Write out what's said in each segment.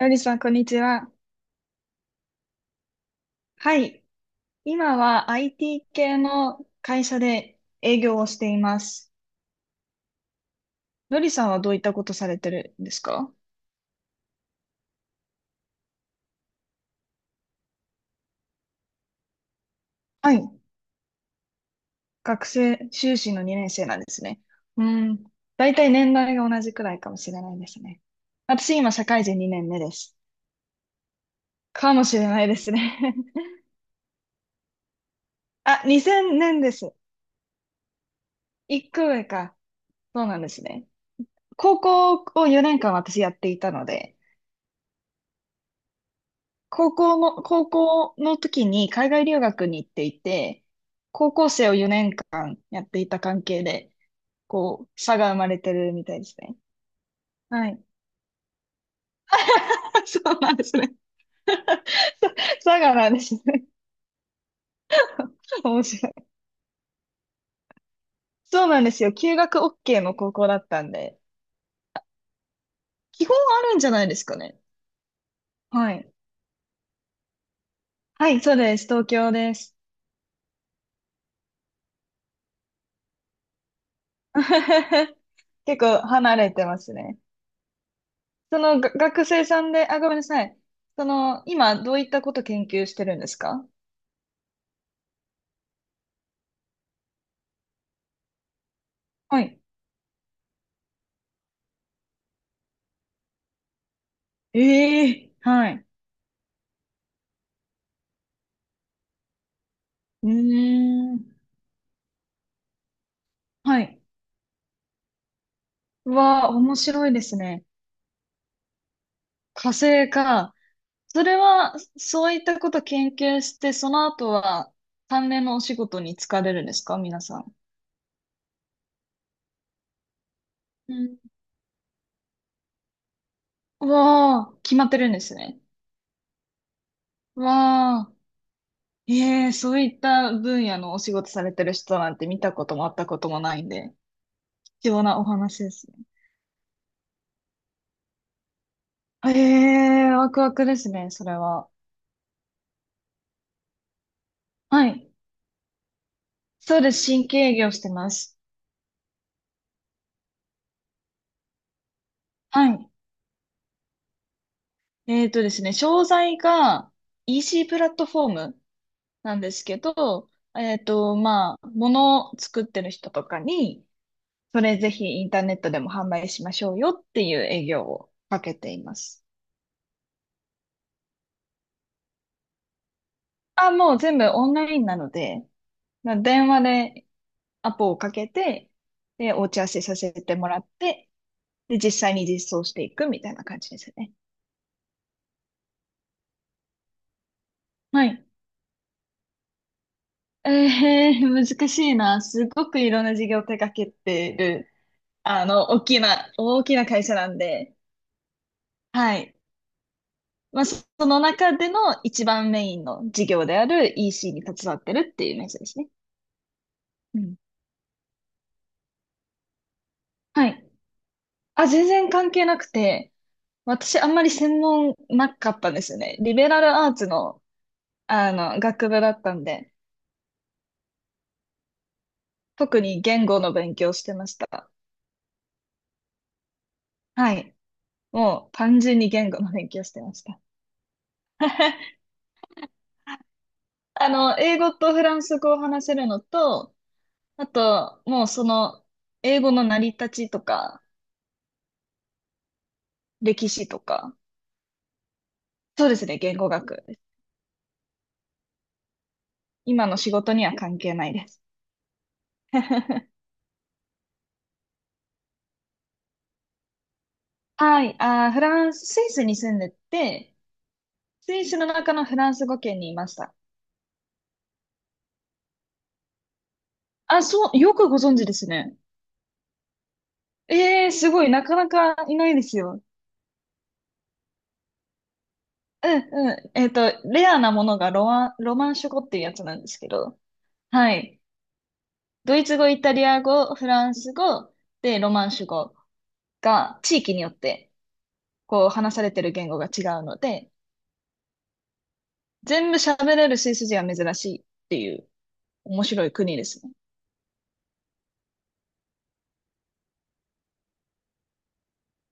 のりさん、こんにちは。はい。今は IT 系の会社で営業をしています。のりさんはどういったことされてるんですか？はい。学生、修士の2年生なんですね。うん。大体年代が同じくらいかもしれないですね。私、今、社会人2年目です。かもしれないですね。あ、2000年です。1個上か。そうなんですね。高校を4年間私やっていたので、高校の時に海外留学に行っていて、高校生を4年間やっていた関係で、こう、差が生まれてるみたいですね。はい。そうなんですね。差がなんですね。面白い。そうなんですよ。休学 OK の高校だったんで、基本あるんじゃないですかね。はい。はい、そうです。東京です。結構離れてますね。そのが学生さんで、あ、ごめんなさい。その、今、どういったこと研究してるんですか？はい。ええ、はい。うーん。はい。うわあ、面白いですね。火星か。それは、そういったこと研究して、その後は、関連のお仕事に就かれるんですか、皆さん？うん。うわあ、決まってるんですね。うわあ、ええ、そういった分野のお仕事されてる人なんて見たこともあったこともないんで、貴重なお話です。ええー、ワクワクですね、それは。はい。そうです、新規営業してます。はい。ですね、商材が EC プラットフォームなんですけど、まあ、物を作ってる人とかに、それぜひインターネットでも販売しましょうよっていう営業をかけています。あ、もう全部オンラインなので、まあ電話でアポをかけて、で、お打ち合わせさせてもらって、で、実際に実装していくみたいな感じですね。はい。難しいな。すごくいろんな事業を手掛けてる、大きな会社なんで、はい。まあ、その中での一番メインの事業である EC に携わってるっていうイメージですね。うん。はい。あ、全然関係なくて、私あんまり専門なかったんですよね。リベラルアーツの、学部だったんで、特に言語の勉強をしてました。はい。もう単純に言語の勉強をしてました。英語とフランス語を話せるのと、あと、もうその、英語の成り立ちとか、歴史とか、そうですね、言語学。今の仕事には関係ないです。はい、フランス、スイスに住んでて、スイスの中のフランス語圏にいました。あ、そう、よくご存知ですね。ええ、すごい、なかなかいないですよ。うん、うん。レアなものがロマンシュ語っていうやつなんですけど、はい。ドイツ語、イタリア語、フランス語、で、ロマンシュ語が地域によってこう話されてる言語が違うので、全部喋れるスイス人は珍しいっていう、面白い国ですね。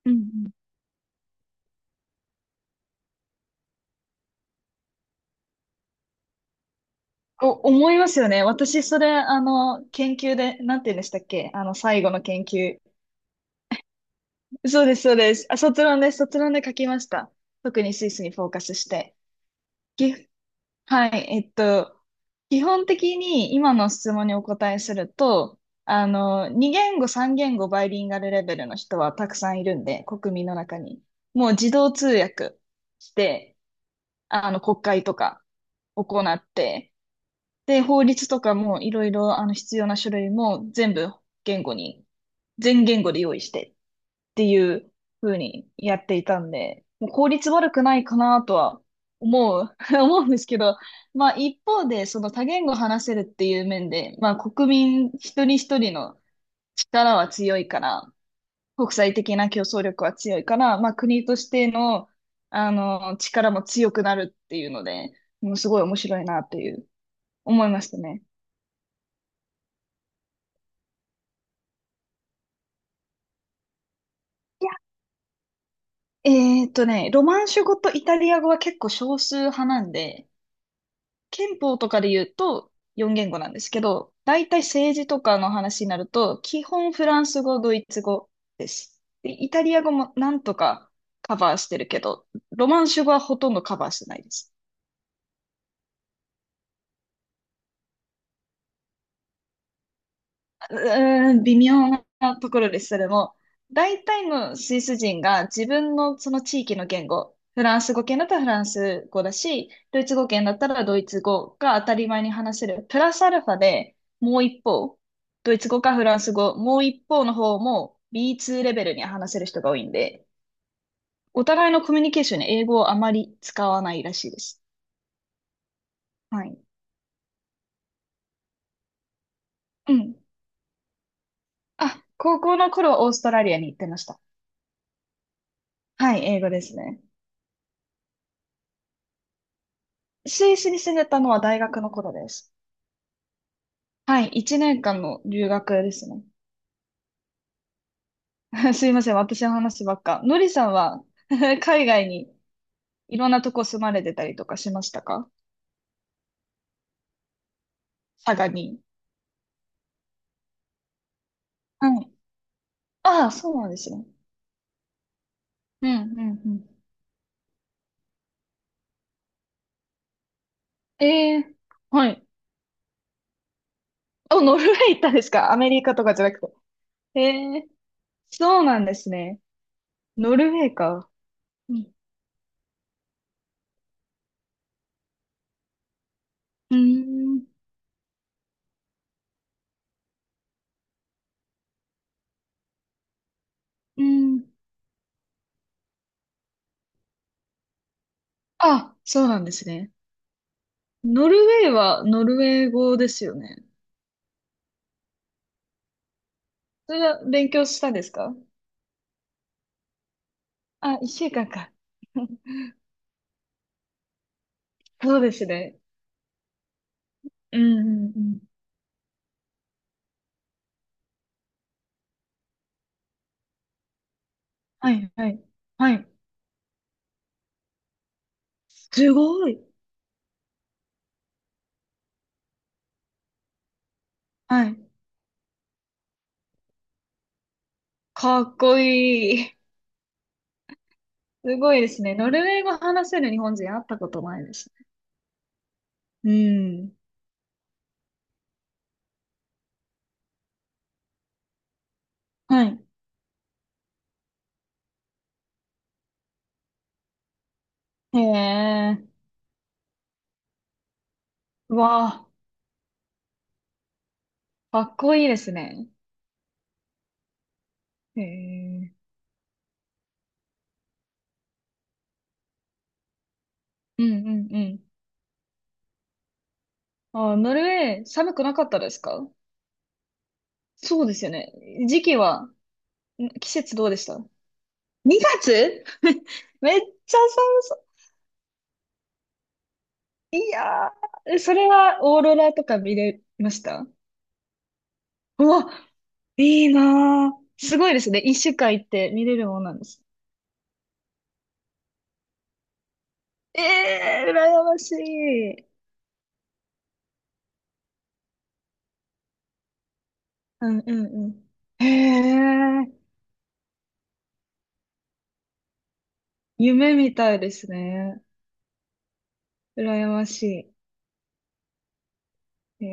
うん、うん。思いますよね。私、それ、研究で、なんて言うんでしたっけ、最後の研究。そうです、そうです。あ、卒論です。卒論で書きました。特にスイスにフォーカスして。岐はい、基本的に今の質問にお答えすると、2言語、3言語、バイリンガルレベルの人はたくさんいるんで、国民の中に。もう自動通訳して、国会とか行って、で、法律とかもいろいろ、必要な書類も言語に、全言語で用意してっていう風にやっていたんで、もう効率悪くないかなとは思う、思うんですけど、まあ一方でその多言語話せるっていう面で、まあ国民一人一人の力は強いから、国際的な競争力は強いから、まあ国としての、力も強くなるっていうので、もうすごい面白いなという思いましたね。いや、ロマンシュ語とイタリア語は結構少数派なんで、憲法とかで言うと4言語なんですけど、大体政治とかの話になると、基本フランス語、ドイツ語です。で、イタリア語もなんとかカバーしてるけど、ロマンシュ語はほとんどカバーしてないです。うーん、微妙なところです、それも。大体のスイス人が自分のその地域の言語、フランス語圏だったらフランス語だし、ドイツ語圏だったらドイツ語が当たり前に話せる。プラスアルファでもう一方、ドイツ語かフランス語、もう一方の方も B2 レベルには話せる人が多いんで、お互いのコミュニケーションに英語をあまり使わないらしいです。はい。うん。あ、高校の頃はオーストラリアに行ってました。はい、英語ですね。スイスに住んでたのは大学の頃です。はい、1年間の留学ですね。すいません、私の話ばっか。のりさんは 海外にいろんなとこ住まれてたりとかしましたか？佐賀に。はい。ああ、そうなんですね。うん、うん、うん。ええ、はい。あ、ノルウェー行ったんですか？アメリカとかじゃなくて。ええ、そうなんですね。ノルウェーか。うん、うーん、うん。あ、そうなんですね。ノルウェーはノルウェー語ですよね。それは勉強したんですか？あ、一週間か。そうですね。うん、うん、うん。はい、はい。はい。すごい。はい。かっこいい。すごいですね。ノルウェー語話せる日本人会ったことないですね。うん。はい。へえ。うわあ、かっこいいですね。へえ。うん、うん、うん。あ、ノルウェー寒くなかったですか？そうですよね。時期は、季節どうでした？ 2 月 めっちゃ寒い。やー、それはオーロラとか見れました？うわ、いいなー。すごいですね。一週間行って見れるもんなんです。ええー、羨ましい。うん、うん、うん。へえ、夢みたいですね。羨ましい。え